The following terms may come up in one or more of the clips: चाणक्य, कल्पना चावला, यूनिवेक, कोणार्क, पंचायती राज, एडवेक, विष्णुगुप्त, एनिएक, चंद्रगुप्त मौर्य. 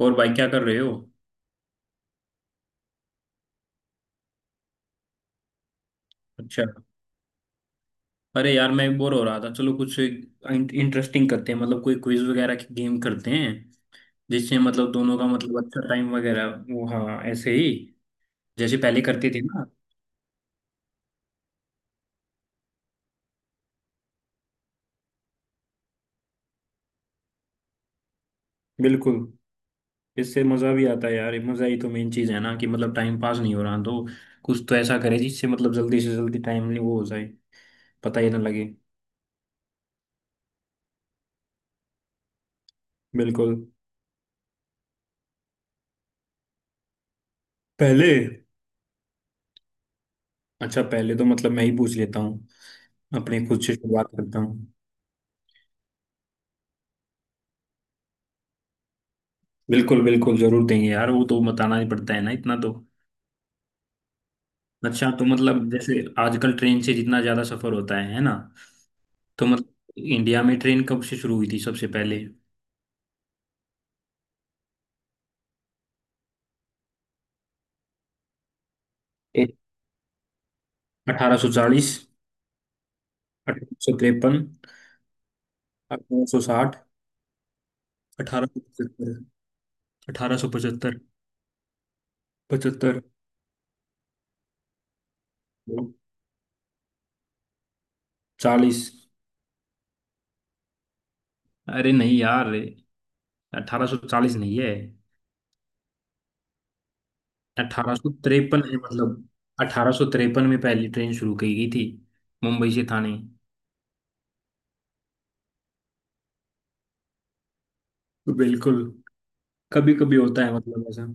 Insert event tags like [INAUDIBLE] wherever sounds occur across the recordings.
और भाई क्या कर रहे हो। अच्छा। अरे यार मैं बोर हो रहा था, चलो कुछ इंटरेस्टिंग करते हैं, मतलब कोई क्विज वगैरह की गेम करते हैं। जिससे मतलब दोनों का मतलब अच्छा टाइम वगैरह वो, हाँ ऐसे ही जैसे पहले करते थे ना। बिल्कुल। इससे मज़ा भी आता है यार, मज़ा ही तो मेन चीज़ है ना, कि मतलब टाइम पास नहीं हो रहा तो कुछ तो ऐसा करे जिससे मतलब जल्दी से जल्दी टाइम नहीं वो हो जाए, पता ही ना लगे। बिल्कुल। पहले। अच्छा पहले तो मतलब मैं ही पूछ लेता हूँ, अपने खुद से शुरुआत करता हूँ। बिल्कुल बिल्कुल, जरूर देंगे यार, वो तो बताना ही पड़ता है ना, इतना तो। अच्छा तो मतलब जैसे आजकल ट्रेन से जितना ज्यादा सफर होता है ना, तो मतलब इंडिया में ट्रेन कब से शुरू हुई थी सबसे पहले। 1840। 1853। 1860। 1875। 1875। पचहत्तर। चालीस। अरे नहीं यार, 1840 नहीं है। 1853 है मतलब। 1853 में पहली ट्रेन शुरू की गई थी मुंबई से थाने। बिल्कुल। कभी कभी होता है मतलब ऐसा।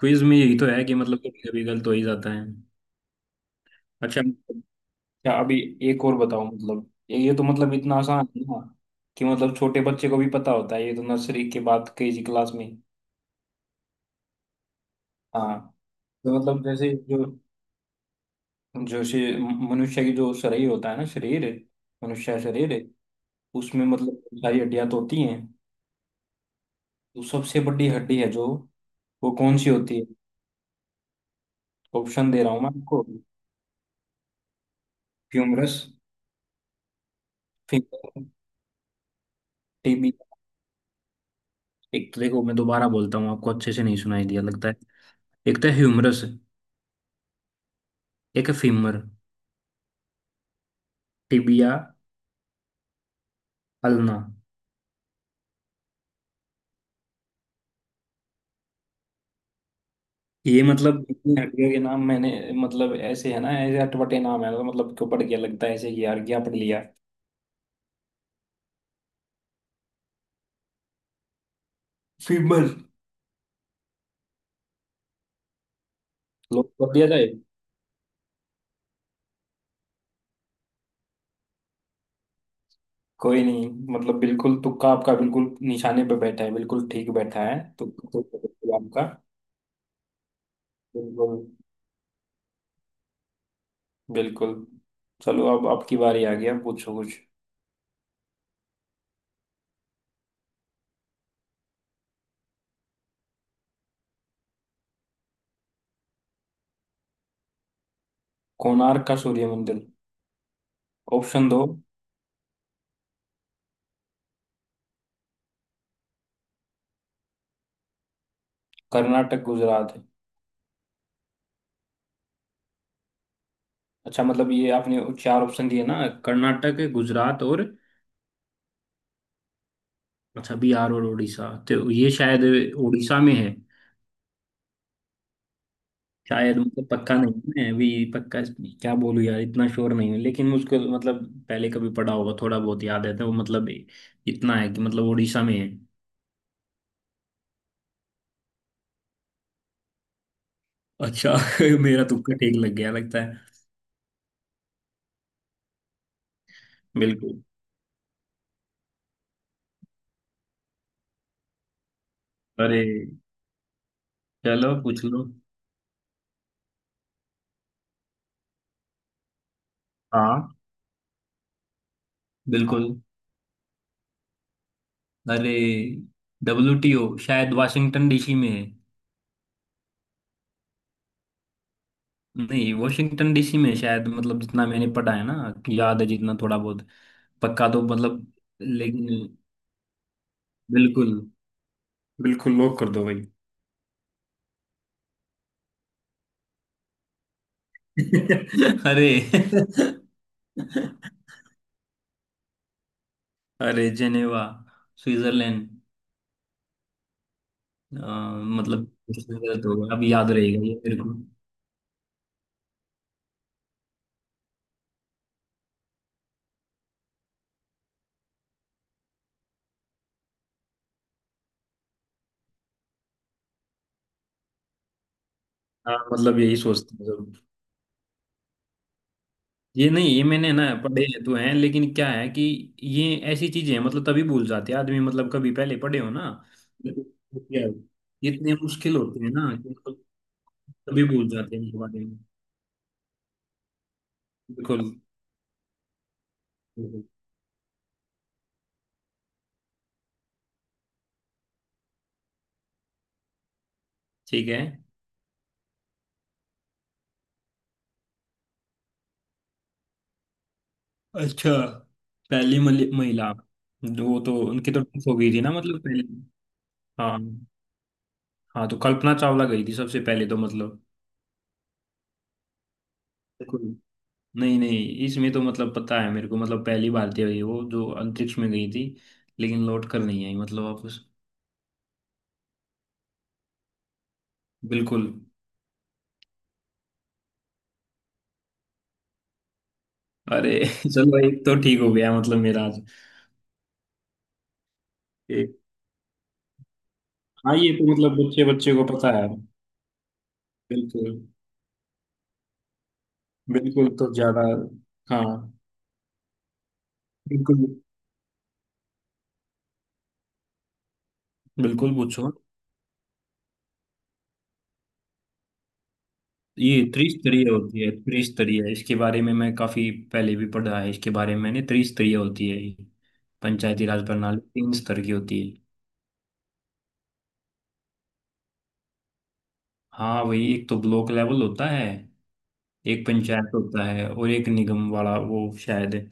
क्विज में यही तो है कि मतलब कभी कभी गलत हो ही जाता है। अच्छा अच्छा। अभी एक और बताओ। मतलब ये तो मतलब इतना आसान है ना, कि मतलब छोटे बच्चे को भी पता होता है, ये तो नर्सरी के बाद केजी क्लास में। हाँ तो मतलब जैसे जो जो शे- मनुष्य की जो शरीर होता है ना, शरीर, मनुष्य का शरीर, उसमें मतलब बहुत सारी हड्डियां तो होती हैं, तो सबसे बड़ी हड्डी है जो, वो कौन सी होती है। ऑप्शन दे रहा हूँ मैं आपको। फ्यूमरस। फिंगर। एक तो देखो मैं दोबारा बोलता हूँ, आपको अच्छे से नहीं सुनाई दिया लगता है। एक तो ह्यूमरस। एक है फीमर। टिबिया। अल्ना। ये मतलब इतनी हड्डियों के नाम मैंने, मतलब ऐसे है ना ऐसे अटपटे नाम है, तो मतलब क्यों पड़ गया लगता है ऐसे कि यार क्या पढ़ लिया। फीमर। लोग पढ़ लिया जाए। कोई नहीं। मतलब बिल्कुल तुक्का आपका बिल्कुल निशाने पे बैठा है, बिल्कुल ठीक बैठा है तुक्का तो, आपका। बिल्कुल। बिल्कुल। चलो अब आपकी बारी आ गई, अब पूछो कुछ। कोणार्क का सूर्य मंदिर। ऑप्शन दो। कर्नाटक गुजरात है। अच्छा, मतलब ये आपने चार ऑप्शन दिए ना, कर्नाटक गुजरात और। अच्छा बिहार और उड़ीसा, तो ये शायद उड़ीसा में है। शायद मतलब पक्का नहीं मैं अभी। पक्का क्या बोलूँ यार, इतना श्योर नहीं हूँ लेकिन मुझको मतलब पहले कभी पढ़ा होगा, थोड़ा बहुत याद है तो वो मतलब इतना है कि मतलब उड़ीसा में है। अच्छा। [LAUGHS] मेरा तुक्का ठीक लग गया लगता है। बिल्कुल। अरे। चलो पूछ लो। हाँ। बिल्कुल। अरे WTO शायद वाशिंगटन DC में है। नहीं, वॉशिंगटन DC में शायद, मतलब जितना मैंने पढ़ा है ना, याद है जितना थोड़ा बहुत। पक्का तो मतलब, लेकिन बिल्कुल, बिल्कुल लॉक कर दो भाई। [LAUGHS] अरे। अरे जेनेवा। स्विट्जरलैंड। अ, मतलब [LAUGHS] इसमें गलत होगा अब, याद रहेगा ये मेरे को। हाँ मतलब यही सोचते हैं। ये नहीं, ये मैंने ना पढ़े तो हैं, लेकिन क्या है कि ये ऐसी चीजें हैं मतलब तभी भूल जाते हैं आदमी, मतलब कभी पहले पढ़े हो ना। क्या है? इतने मुश्किल होते हैं ना कि मतलब तभी भूल जाते हैं इनके बारे में। बिल्कुल। बिल्कुल। ठीक है। अच्छा। पहली महिला। वो तो उनकी तो डेथ हो गई थी ना मतलब पहले। हाँ। हाँ तो कल्पना चावला गई थी सबसे पहले तो मतलब। बिल्कुल। नहीं नहीं, इसमें तो मतलब पता है मेरे को, मतलब पहली भारतीय हुई वो जो अंतरिक्ष में गई थी, लेकिन लौट कर नहीं आई मतलब वापस। बिल्कुल। अरे [LAUGHS] चलो एक तो ठीक हो गया मतलब मेरा आज। एक- हाँ ये तो मतलब बच्चे बच्चे को पता है। बिल्कुल। बिल्कुल तो ज्यादा। हाँ। बिल्कुल। बिल्कुल पूछो। ये त्रिस्तरीय होती है, त्रिस्तरीय, इसके बारे में मैं काफी पहले भी पढ़ा है, इसके बारे में मैंने, त्रिस्तरीय होती है ये। पंचायती राज प्रणाली तीन स्तर की होती है। हाँ वही, एक तो ब्लॉक लेवल होता है, एक पंचायत होता है, और एक निगम वाला वो शायद है।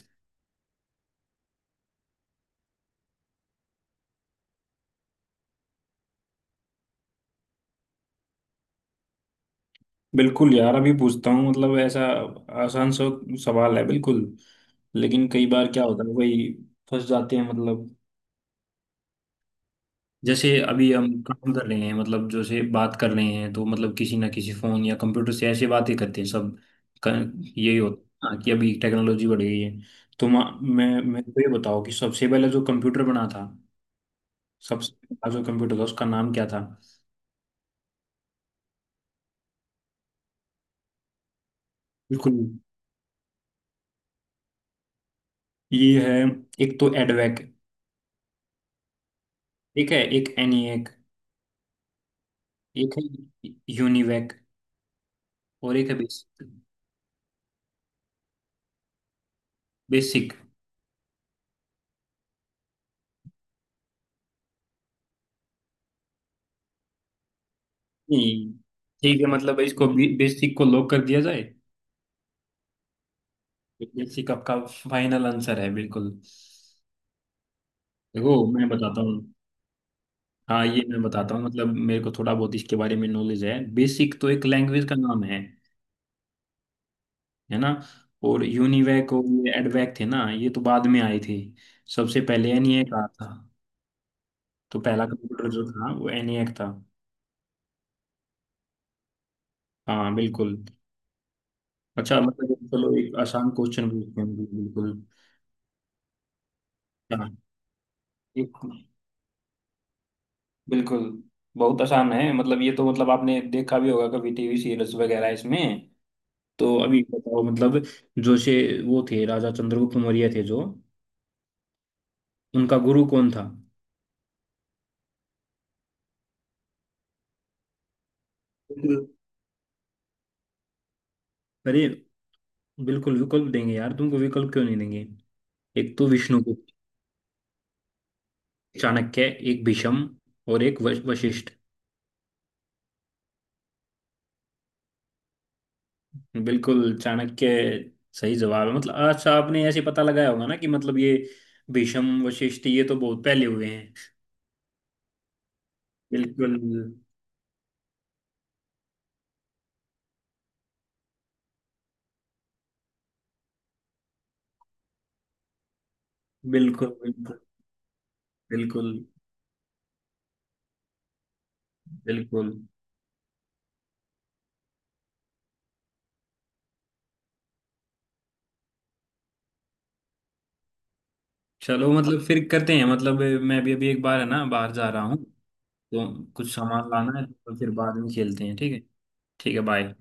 बिल्कुल यार अभी पूछता हूँ, मतलब ऐसा आसान सा सवाल है बिल्कुल, लेकिन कई बार क्या होता है, वही फंस जाते हैं मतलब। जैसे अभी हम काम कर रहे हैं, मतलब जैसे बात कर रहे हैं तो मतलब किसी ना किसी फोन या कंप्यूटर से ऐसे बातें करते हैं सब। यही होता है कि अभी टेक्नोलॉजी बढ़ गई है, तो मा- मैं तो ये बताओ कि सबसे पहले जो कंप्यूटर बना था, सबसे पहला जो कंप्यूटर था, उसका नाम क्या था। बिल्कुल। ये है, एक तो एडवेक। ठीक है, एक एनिएक। एक है यूनिवेक। और एक है बेसिक। बेसिक। नहीं, ठीक है मतलब इसको, बेसिक को लॉक कर दिया जाए। बेसिक आपका फाइनल आंसर है बिल्कुल। देखो मैं बताता हूँ। हाँ ये मैं बताता हूँ, मतलब मेरे को थोड़ा बहुत इसके बारे में नॉलेज है। बेसिक तो एक लैंग्वेज का नाम है ना, और यूनिवेक और ये एडवेक थे ना, ये तो बाद में आए थे। सबसे पहले एनिएक आया था, तो पहला कंप्यूटर जो था वो एनिएक था। हाँ बिल्कुल। अच्छा मतलब चलो एक आसान क्वेश्चन पूछते हैं। बिल्कुल। हाँ। एक। बिल्कुल। बहुत आसान है, मतलब ये तो मतलब आपने देखा भी होगा कभी टीवी सीरीज वगैरह इसमें। तो अभी बताओ मतलब, जो से वो थे राजा चंद्रगुप्त मौर्य थे जो, उनका गुरु कौन था। बिल्कुल। अरे बिल्कुल विकल्प देंगे यार, तुमको विकल्प क्यों नहीं देंगे। एक तो विष्णुगुप्त। चाणक्य। एक भीष्म। और एक वशिष्ठ। बिल्कुल चाणक्य सही जवाब है। मतलब अच्छा आपने ऐसे पता लगाया होगा ना कि मतलब ये भीष्म वशिष्ठ ये तो बहुत पहले हुए हैं। बिल्कुल। बिल्कुल। बिल्कुल। बिल्कुल। बिल्कुल। चलो मतलब फिर करते हैं, मतलब मैं भी अभी एक बार है ना बाहर जा रहा हूँ, तो कुछ सामान लाना है, तो फिर बाद में खेलते हैं ठीक है। ठीक है बाय।